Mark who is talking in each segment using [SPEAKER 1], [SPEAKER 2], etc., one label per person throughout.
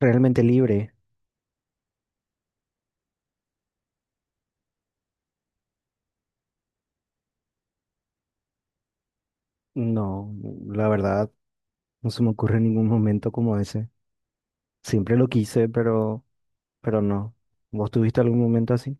[SPEAKER 1] Realmente libre. No, la verdad, no se me ocurre ningún momento como ese. Siempre lo quise, pero no. ¿Vos tuviste algún momento así?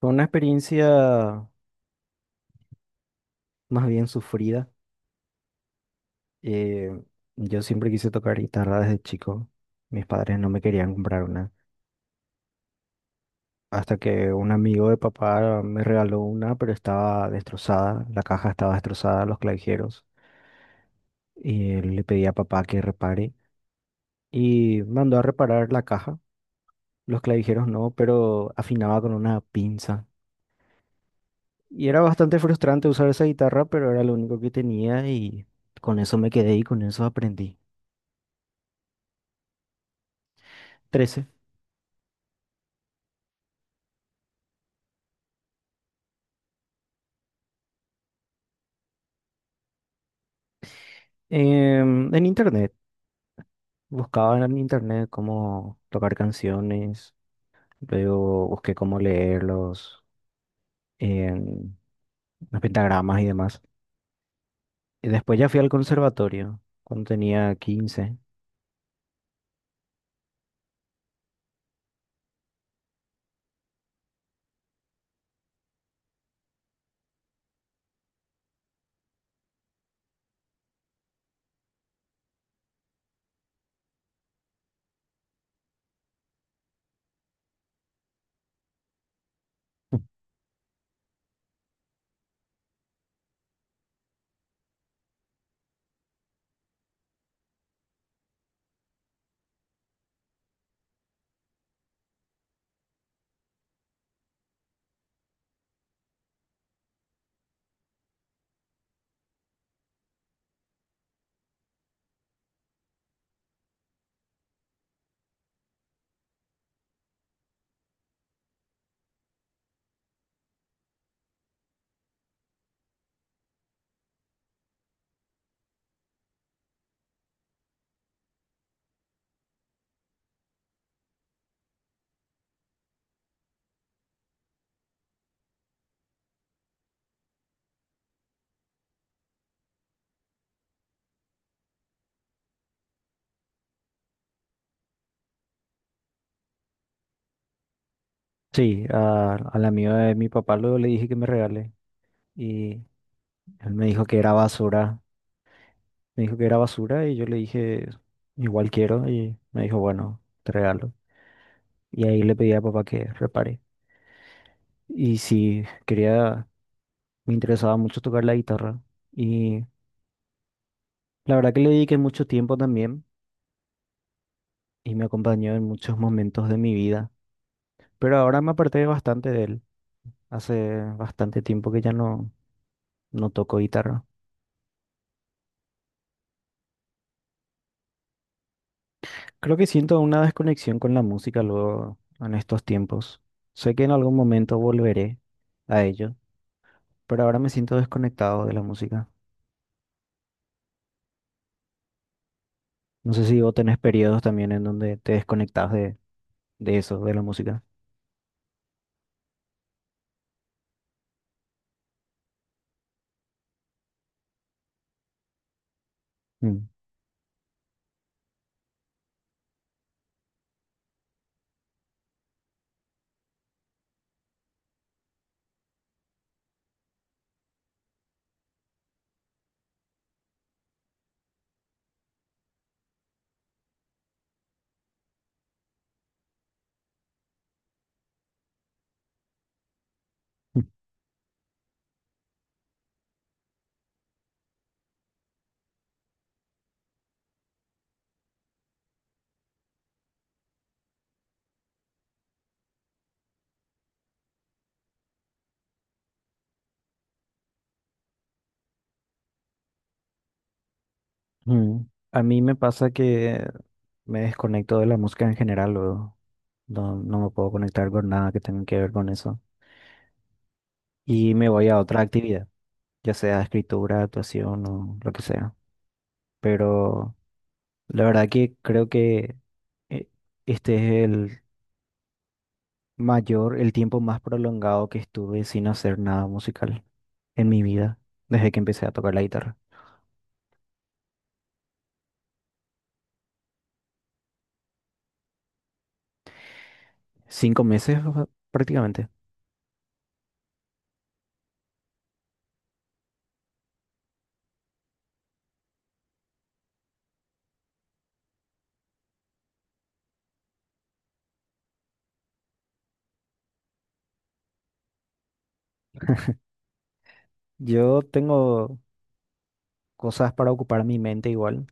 [SPEAKER 1] Fue una experiencia más bien sufrida. Eh, yo siempre quise tocar guitarra desde chico. Mis padres no me querían comprar una. Hasta que un amigo de papá me regaló una, pero estaba destrozada. La caja estaba destrozada, los clavijeros. Y le pedí a papá que repare. Y mandó a reparar la caja. Los clavijeros no, pero afinaba con una pinza. Y era bastante frustrante usar esa guitarra, pero era lo único que tenía y con eso me quedé y con eso aprendí. 13. En internet. Buscaba en internet cómo tocar canciones, luego busqué cómo leerlos en los pentagramas y demás. Y después ya fui al conservatorio cuando tenía 15. Sí, al amigo de mi papá luego le dije que me regale, y él me dijo que era basura. Me dijo que era basura y yo le dije, igual quiero. Y me dijo, bueno, te regalo. Y ahí le pedí a papá que repare. Y sí, quería, me interesaba mucho tocar la guitarra. Y la verdad que le dediqué mucho tiempo también y me acompañó en muchos momentos de mi vida. Pero ahora me aparté bastante de él. Hace bastante tiempo que ya no toco guitarra. Creo que siento una desconexión con la música luego en estos tiempos. Sé que en algún momento volveré a ello, pero ahora me siento desconectado de la música. No sé si vos tenés periodos también en donde te desconectás de eso, de la música. Mm. Mm. A mí me pasa que me desconecto de la música en general, luego. No me puedo conectar con nada que tenga que ver con eso. Y me voy a otra actividad, ya sea escritura, actuación o lo que sea. Pero la verdad que creo que eh, este es el mayor, el tiempo más prolongado que estuve sin hacer nada musical en mi vida, desde que empecé a tocar la guitarra. 5 meses, o sea, prácticamente. Yo tengo cosas para ocupar mi mente igual,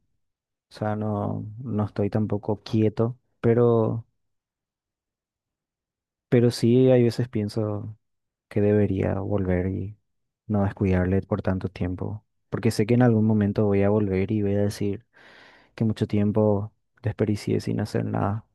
[SPEAKER 1] o sea, no estoy tampoco quieto, pero sí hay veces pienso que debería volver y no descuidarle por tanto tiempo, porque sé que en algún momento voy a volver y voy a decir que mucho tiempo desperdicié sin hacer nada.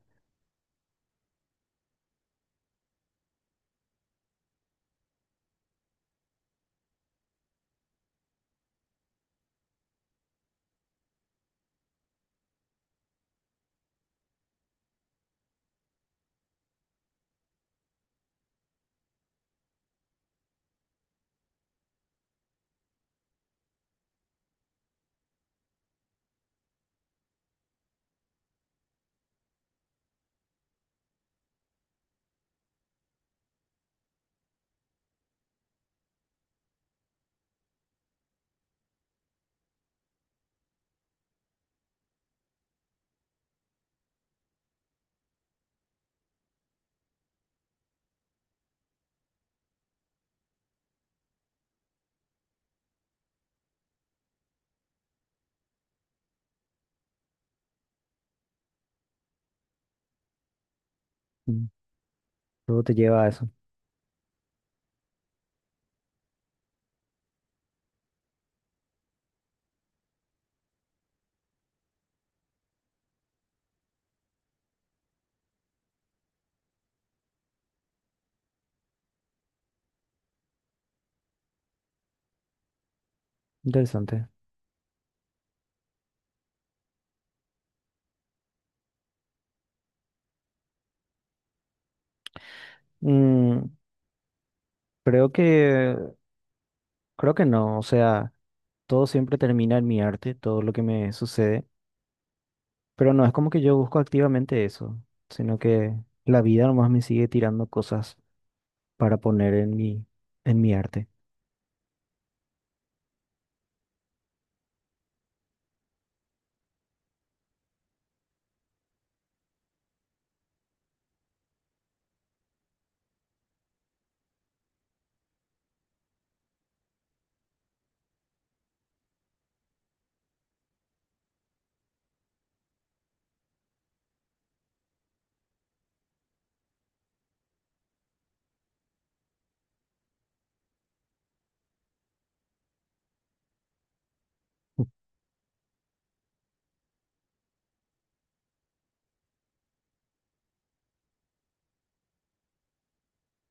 [SPEAKER 1] Mm. Todo te lleva a eso. Interesante. Mm, creo que, creo que no, o sea, todo siempre termina en mi arte, todo lo que me sucede, pero no es como que yo busco activamente eso, sino que la vida nomás me sigue tirando cosas para poner en mi arte.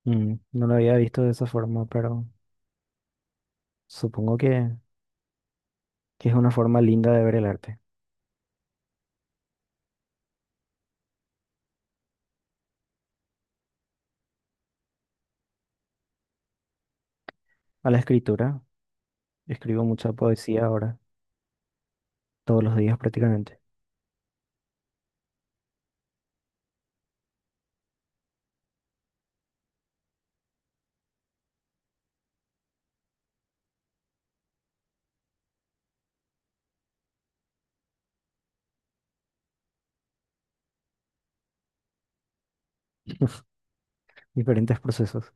[SPEAKER 1] Mm, no lo había visto de esa forma, pero supongo que es una forma linda de ver el arte. A la escritura, escribo mucha poesía ahora, todos los días prácticamente, diferentes procesos.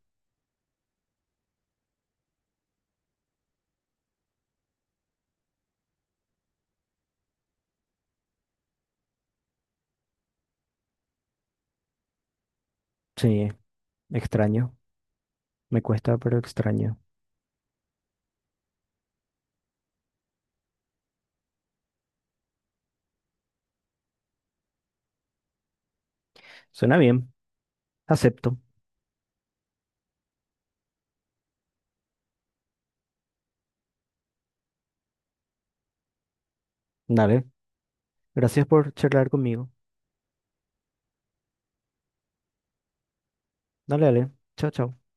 [SPEAKER 1] Sí, extraño. Me cuesta, pero extraño. Suena bien. Acepto. Dale. Gracias por charlar conmigo. Dale, dale. Chao, chao.